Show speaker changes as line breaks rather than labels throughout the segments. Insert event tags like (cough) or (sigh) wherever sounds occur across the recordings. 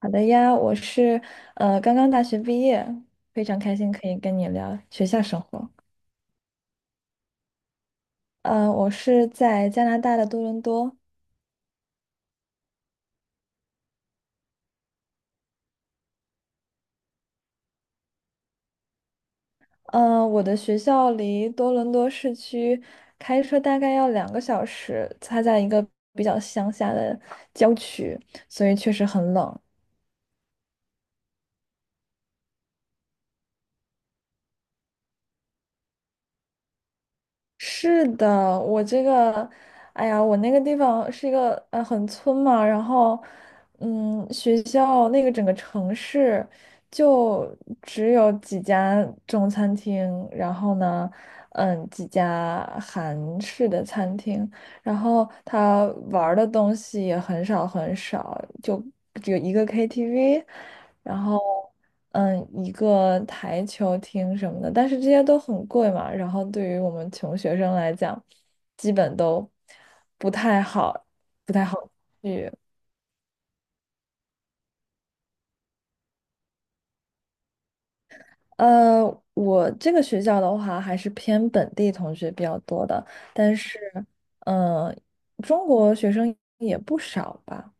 好的呀，我是刚刚大学毕业，非常开心可以跟你聊学校生活。我是在加拿大的多伦多。我的学校离多伦多市区开车大概要两个小时，它在一个比较乡下的郊区，所以确实很冷。是的，我这个，哎呀，我那个地方是一个很村嘛，然后，嗯，学校那个整个城市就只有几家中餐厅，然后呢，嗯，几家韩式的餐厅，然后他玩儿的东西也很少很少，就只有一个 KTV，然后嗯，一个台球厅什么的，但是这些都很贵嘛，然后对于我们穷学生来讲，基本都不太好，不太好去。呃，我这个学校的话，还是偏本地同学比较多的，但是嗯，中国学生也不少吧。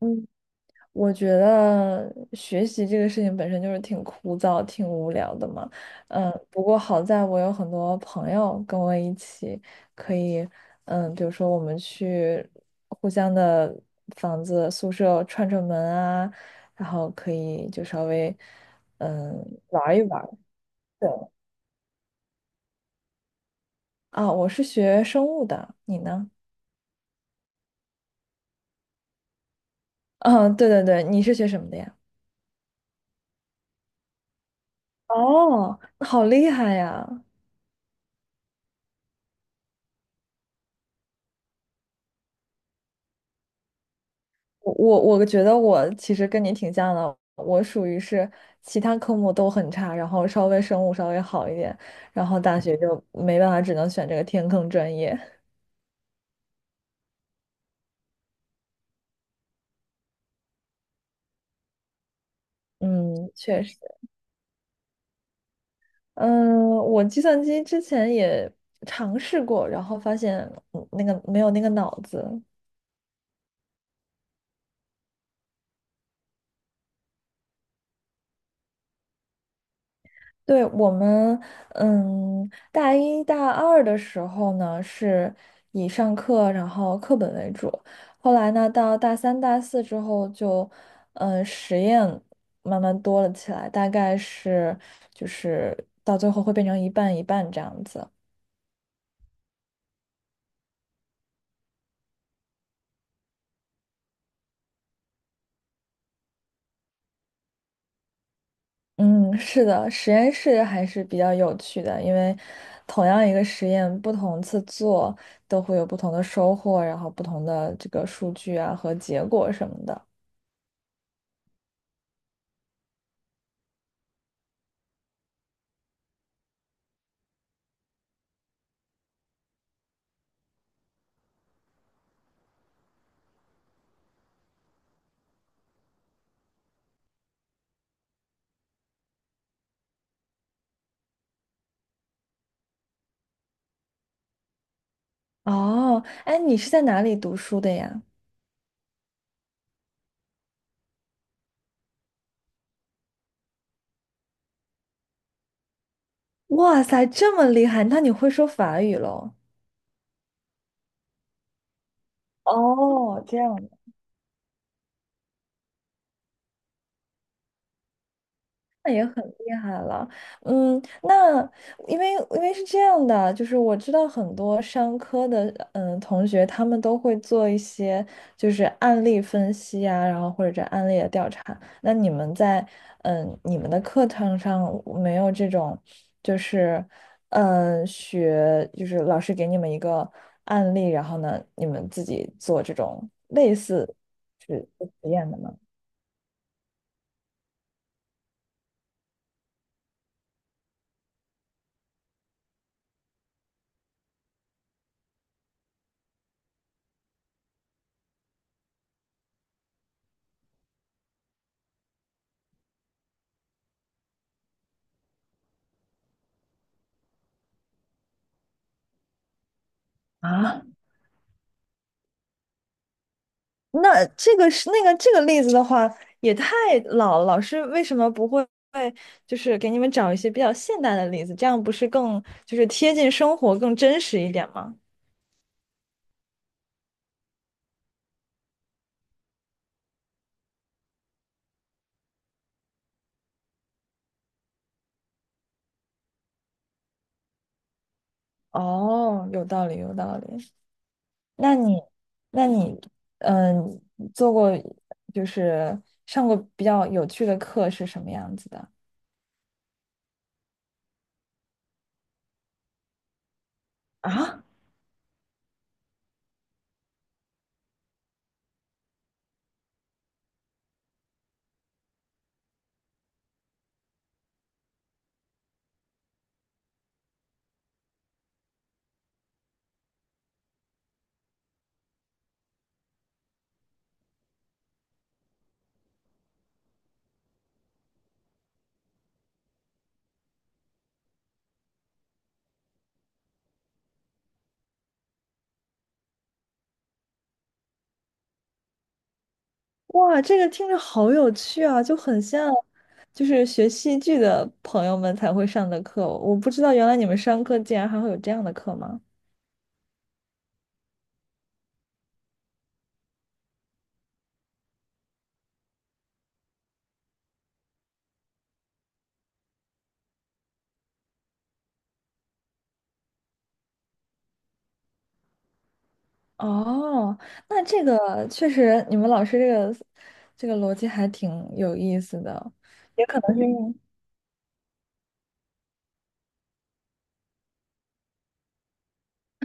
嗯。我觉得学习这个事情本身就是挺枯燥、挺无聊的嘛。嗯，不过好在我有很多朋友跟我一起，可以，嗯，比如说我们去互相的房子、宿舍串串门啊，然后可以就稍微，嗯，玩一玩。对，啊，我是学生物的，你呢？(laughs) 嗯，对对对，你是学什么的呀？哦，好厉害呀！我觉得我其实跟你挺像的，我属于是其他科目都很差，然后稍微生物稍微好一点，然后大学就没办法，只能选这个天坑专业。嗯，确实，嗯，我计算机之前也尝试过，然后发现那个没有那个脑子。对，我们，嗯，大一大二的时候呢，是以上课然后课本为主，后来呢，到大三大四之后就，嗯，实验慢慢多了起来，大概是就是到最后会变成一半一半这样子。嗯，是的，实验室还是比较有趣的，因为同样一个实验，不同次做都会有不同的收获，然后不同的这个数据啊和结果什么的。哦，哎，你是在哪里读书的呀？哇塞，这么厉害，那你会说法语喽？哦，这样那也很厉害了。嗯，那因为是这样的，就是我知道很多商科的嗯同学，他们都会做一些就是案例分析啊，然后或者这案例的调查。那你们在嗯你们的课堂上没有这种，就是嗯学就是老师给你们一个案例，然后呢你们自己做这种类似是实验的吗？那这个是那个这个例子的话，也太老了，老师为什么不会就是给你们找一些比较现代的例子？这样不是更就是贴近生活、更真实一点吗？哦，有道理，有道理。那你，那你，嗯，做过就是上过比较有趣的课是什么样子的啊？哇，这个听着好有趣啊，就很像，就是学戏剧的朋友们才会上的课。我不知道原来你们上课竟然还会有这样的课吗？哦，那这个确实，你们老师这个逻辑还挺有意思的，可能是因为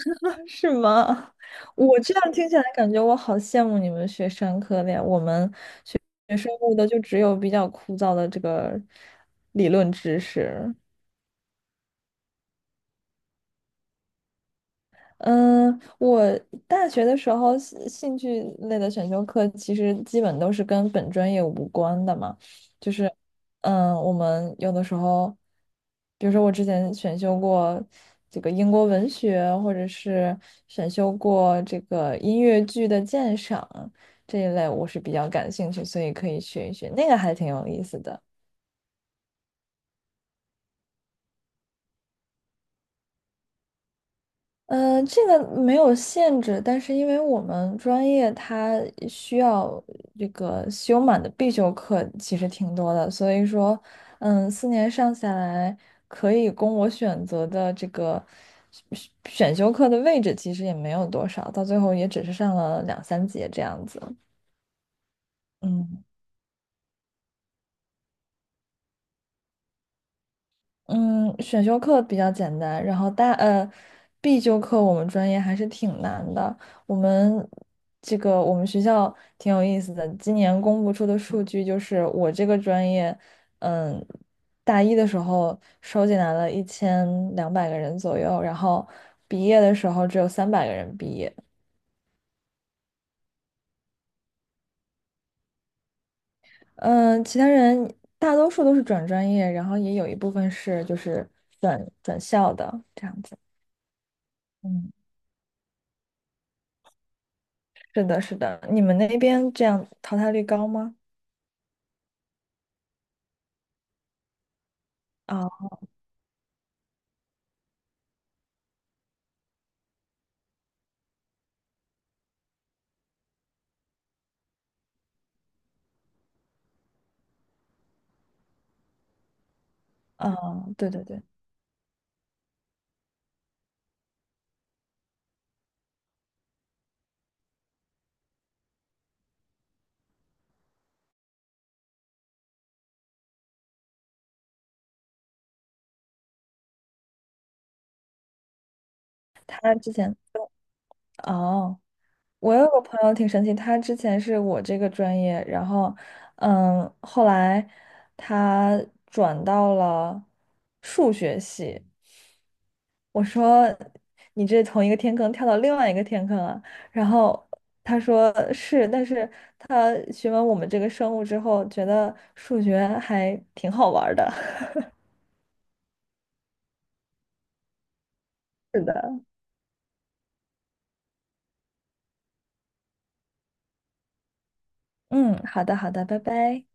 (laughs) 是吗？我这样听起来感觉我好羡慕你们学商科的呀，我们学生物的就只有比较枯燥的这个理论知识。嗯，我大学的时候兴趣类的选修课其实基本都是跟本专业无关的嘛，就是，嗯，我们有的时候，比如说我之前选修过这个英国文学，或者是选修过这个音乐剧的鉴赏这一类，我是比较感兴趣，所以可以学一学，那个还挺有意思的。呃，这个没有限制，但是因为我们专业它需要这个修满的必修课其实挺多的，所以说，嗯，四年上下来，可以供我选择的这个选修课的位置其实也没有多少，到最后也只是上了两三节这样子。嗯。嗯，选修课比较简单，然后必修课我们专业还是挺难的。我们我们学校挺有意思的，今年公布出的数据就是我这个专业，嗯，大一的时候收进来了一千两百个人左右，然后毕业的时候只有三百个人毕业。嗯，其他人大多数都是转专业，然后也有一部分是就是转校的这样子。嗯。是的，是的，你们那边这样淘汰率高吗？啊、啊、对对对，他之前哦，我有个朋友挺神奇，他之前是我这个专业，然后嗯，后来他转到了数学系。我说你这从一个天坑跳到另外一个天坑啊，然后他说是，但是他学完我们这个生物之后，觉得数学还挺好玩儿的。(laughs) 是的。嗯，好的，好的，拜拜。